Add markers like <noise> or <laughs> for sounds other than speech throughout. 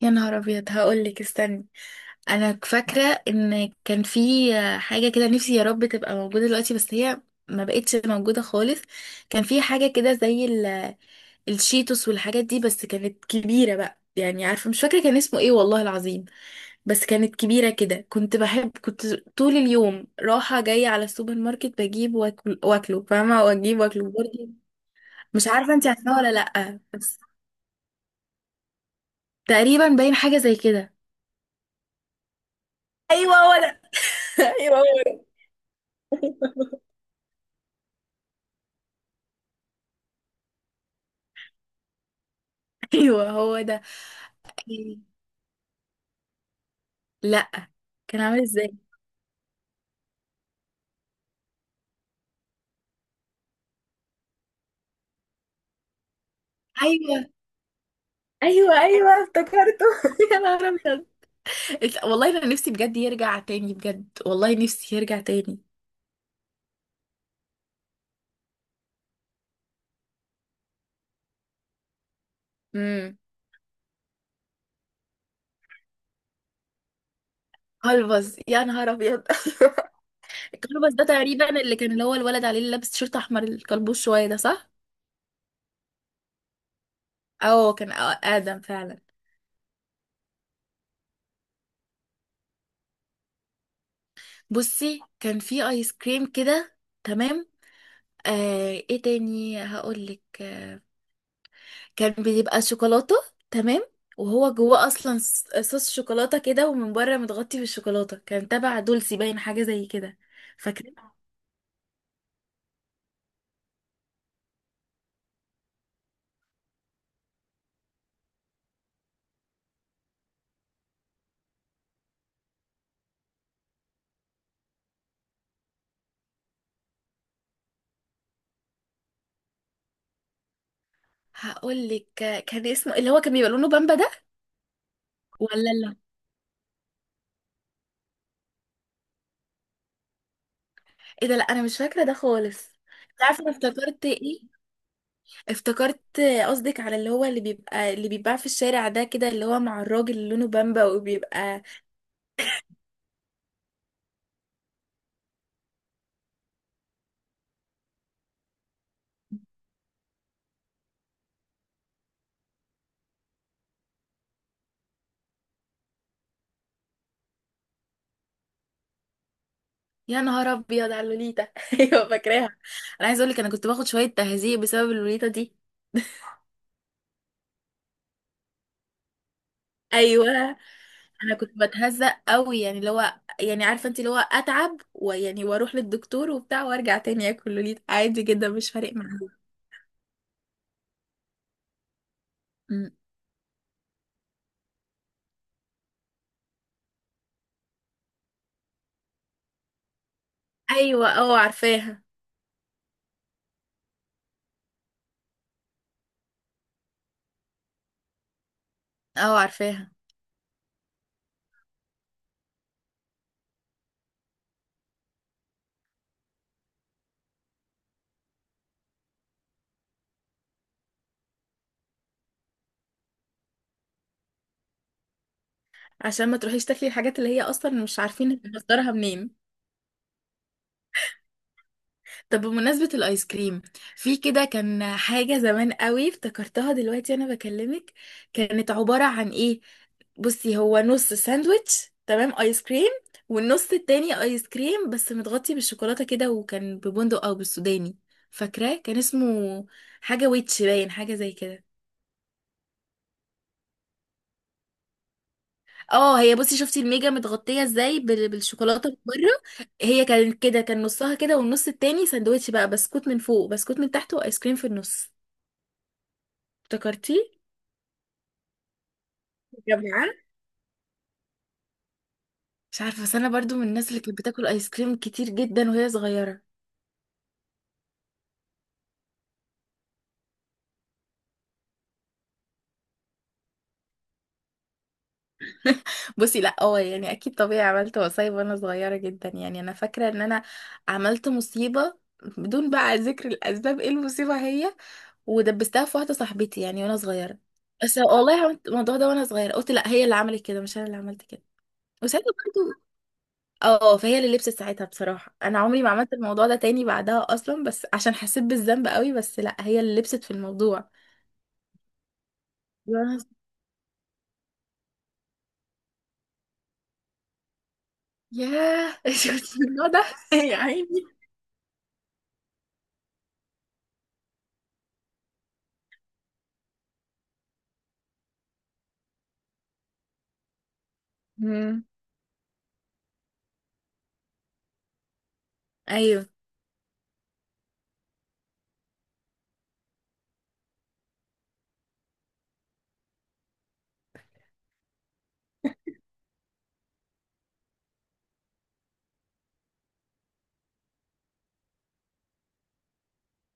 يا نهار ابيض، هقولك استني. انا فاكره ان كان في حاجه كده، نفسي يا رب تبقى موجوده دلوقتي، بس هي ما بقتش موجوده خالص. كان في حاجه كده زي الشيتوس والحاجات دي، بس كانت كبيره بقى. يعني عارفه، مش فاكره كان اسمه ايه والله العظيم. بس كانت كبيره كده، كنت طول اليوم رايحه جايه على السوبر ماركت، بجيب واكل واكله فاهمه، واجيب واكله برضه. مش عارفه انت عارفه ولا لا، بس تقريبا باين حاجه زي كده. ايوه هو ده. <laughs> ايوه هو ده. ايوه هو ده. إيه؟ لا. كان عامل ازاي؟ ايوه ايوه ايوه افتكرته. <laughs> يا نهار ابيض. والله انا نفسي بجد يرجع تاني، بجد والله نفسي يرجع تاني. امم. كلبز؟ يا نهار ابيض. <laughs> ايوه. الكلبز ده تقريبا اللي كان، اللي هو الولد عليه اللي لابس تيشيرت احمر، الكلبوش شويه ده، صح. اه، كان ادم فعلا. بصي كان في ايس كريم كده. تمام. آه، ايه تاني هقول لك؟ كان بيبقى شوكولاتة. تمام. وهو جواه اصلا صوص شوكولاتة كده، ومن بره متغطي بالشوكولاتة. كان تبع دولسي باين حاجة زي كده. فاكرة. هقول لك، كان اسمه اللي هو كان بيبقى لونه بامبا ده. ولا لا، ايه ده؟ لا انا مش فاكرة ده خالص. انت عارفة أنا افتكرت ايه؟ افتكرت، قصدك على اللي هو اللي بيبقى اللي بيتباع في الشارع ده كده، اللي هو مع الراجل اللي لونه بامبا وبيبقى. يا نهار ابيض على اللوليتا. <laughs> ايوه فاكراها. انا عايزه اقول لك انا كنت باخد شويه تهزيق بسبب اللوليتا دي. ايوه. انا كنت بتهزق قوي، يعني اللي هو، يعني عارفه انت، اللي هو اتعب ويعني واروح للدكتور وبتاع، وارجع تاني اكل لوليت عادي جدا مش فارق معايا. أمم. ايوه اه عارفاها. اه عارفاها. عشان ما تروحيش تاكلي الحاجات اللي هي اصلا مش عارفين مصدرها منين. طب بمناسبة الآيس كريم، في كده كان حاجة زمان قوي افتكرتها دلوقتي أنا بكلمك. كانت عبارة عن إيه؟ بصي، هو نص ساندويتش تمام آيس كريم، والنص التاني آيس كريم بس متغطي بالشوكولاتة كده، وكان ببندق أو بالسوداني. فاكراه كان اسمه حاجة ويتش باين حاجة زي كده. اه، هي بصي، شفتي الميجا متغطية ازاي بالشوكولاتة من بره؟ هي كانت كده، كان نصها كده، والنص التاني ساندويتش بقى، بسكوت من فوق بسكوت من تحت وآيس كريم في النص. افتكرتي؟ يا جماعة مش عارفه، بس انا برضو من الناس اللي كانت بتاكل ايس كريم كتير جدا وهي صغيره. بصي لا، اه يعني اكيد طبيعي عملت مصايب وانا صغيره جدا. يعني انا فاكره ان انا عملت مصيبه، بدون بقى ذكر الاسباب ايه المصيبه هي، ودبستها في واحده صاحبتي يعني وانا صغيره. بس والله عملت الموضوع ده وانا صغيره، قلت لا هي اللي عملت كده مش انا اللي عملت كده. وساعتها برضو، اه فهي اللي لبست ساعتها. بصراحه انا عمري ما عملت الموضوع ده تاني بعدها اصلا، بس عشان حسيت بالذنب قوي. بس لا هي اللي لبست في الموضوع. ياه. <laughs> شفت النوع ده. يا عيني. مم. ايوه.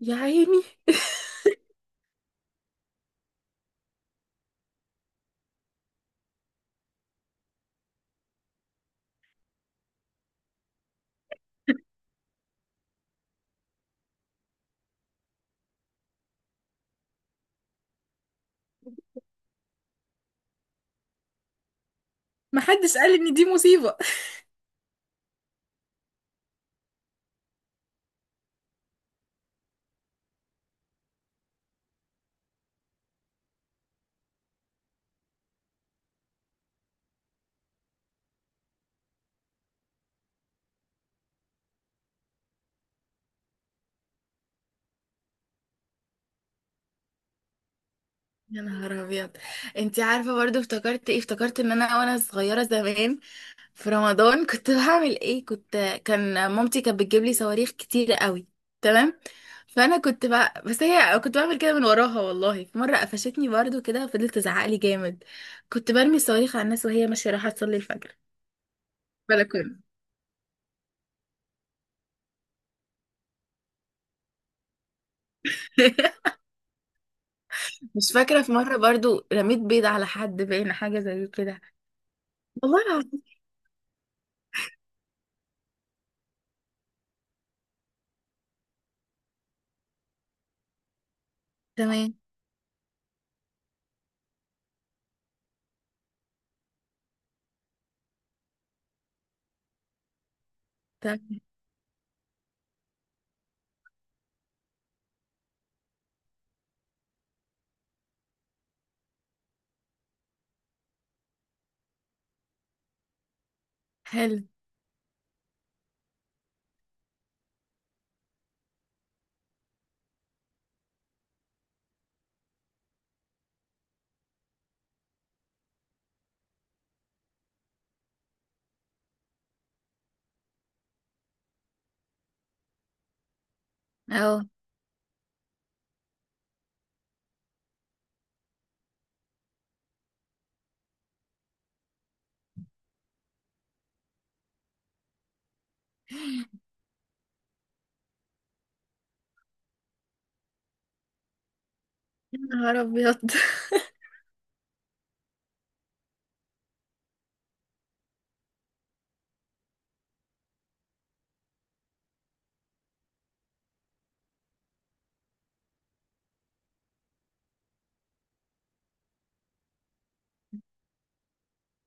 يا عيني. <laughs> محدش قال ان دي مصيبة. يا نهار ابيض. انتي عارفة برضو افتكرت ايه؟ افتكرت ان انا وانا صغيرة زمان في رمضان كنت بعمل ايه. كنت، كان مامتي كانت بتجيب لي صواريخ كتير قوي، تمام، فانا كنت بقى، بس هي كنت بعمل كده من وراها. والله في مرة قفشتني برضو كده، فضلت تزعق لي جامد. كنت برمي الصواريخ على الناس وهي ماشية رايحة تصلي الفجر. بلكونة. <laughs> مش فاكرة، في مرة برضو رميت بيض على حد باين حاجة زي كده. والله العظيم. تمام. تمام. حلو. اه. يا نهار ابيض.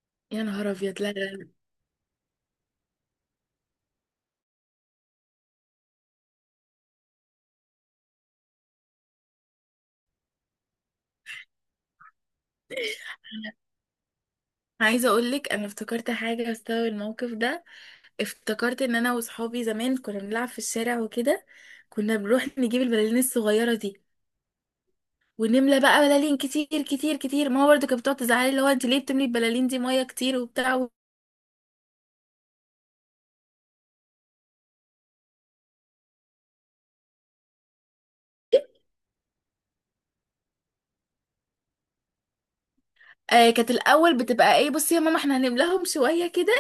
<laughs> يا نهار ابيض، لا لا لا. أنا عايزة اقولك انا افتكرت حاجة بسبب الموقف ده. افتكرت ان انا وصحابي زمان كنا بنلعب في الشارع وكده، كنا بنروح نجيب البلالين الصغيرة دي، ونملى بقى بلالين كتير كتير كتير. ماما برضو كانت بتقعد تزعلي، اللي هو انت ليه بتملي البلالين دي مية كتير وبتاع. آه كانت الاول بتبقى ايه، بصي يا ماما احنا هنملاهم شويه كده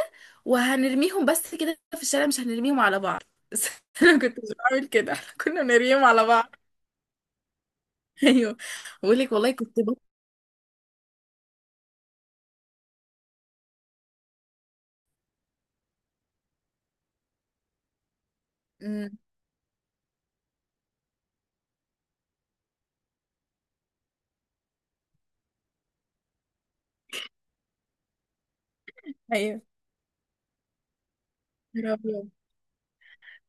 وهنرميهم بس كده في الشارع، مش هنرميهم على بعض. <laughs> بس انا كنت مش بعمل كده. <laughs> احنا كنا بنرميهم على بعض. <laughs> ايوه. بقول لك والله كنت بط... أمم، ايوه. يا رب.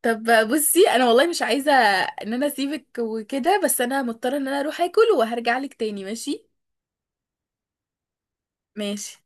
طب بصي انا والله مش عايزه ان انا اسيبك وكده، بس انا مضطره ان انا اروح اكل، وهرجع لك تاني ماشي؟ ماشي.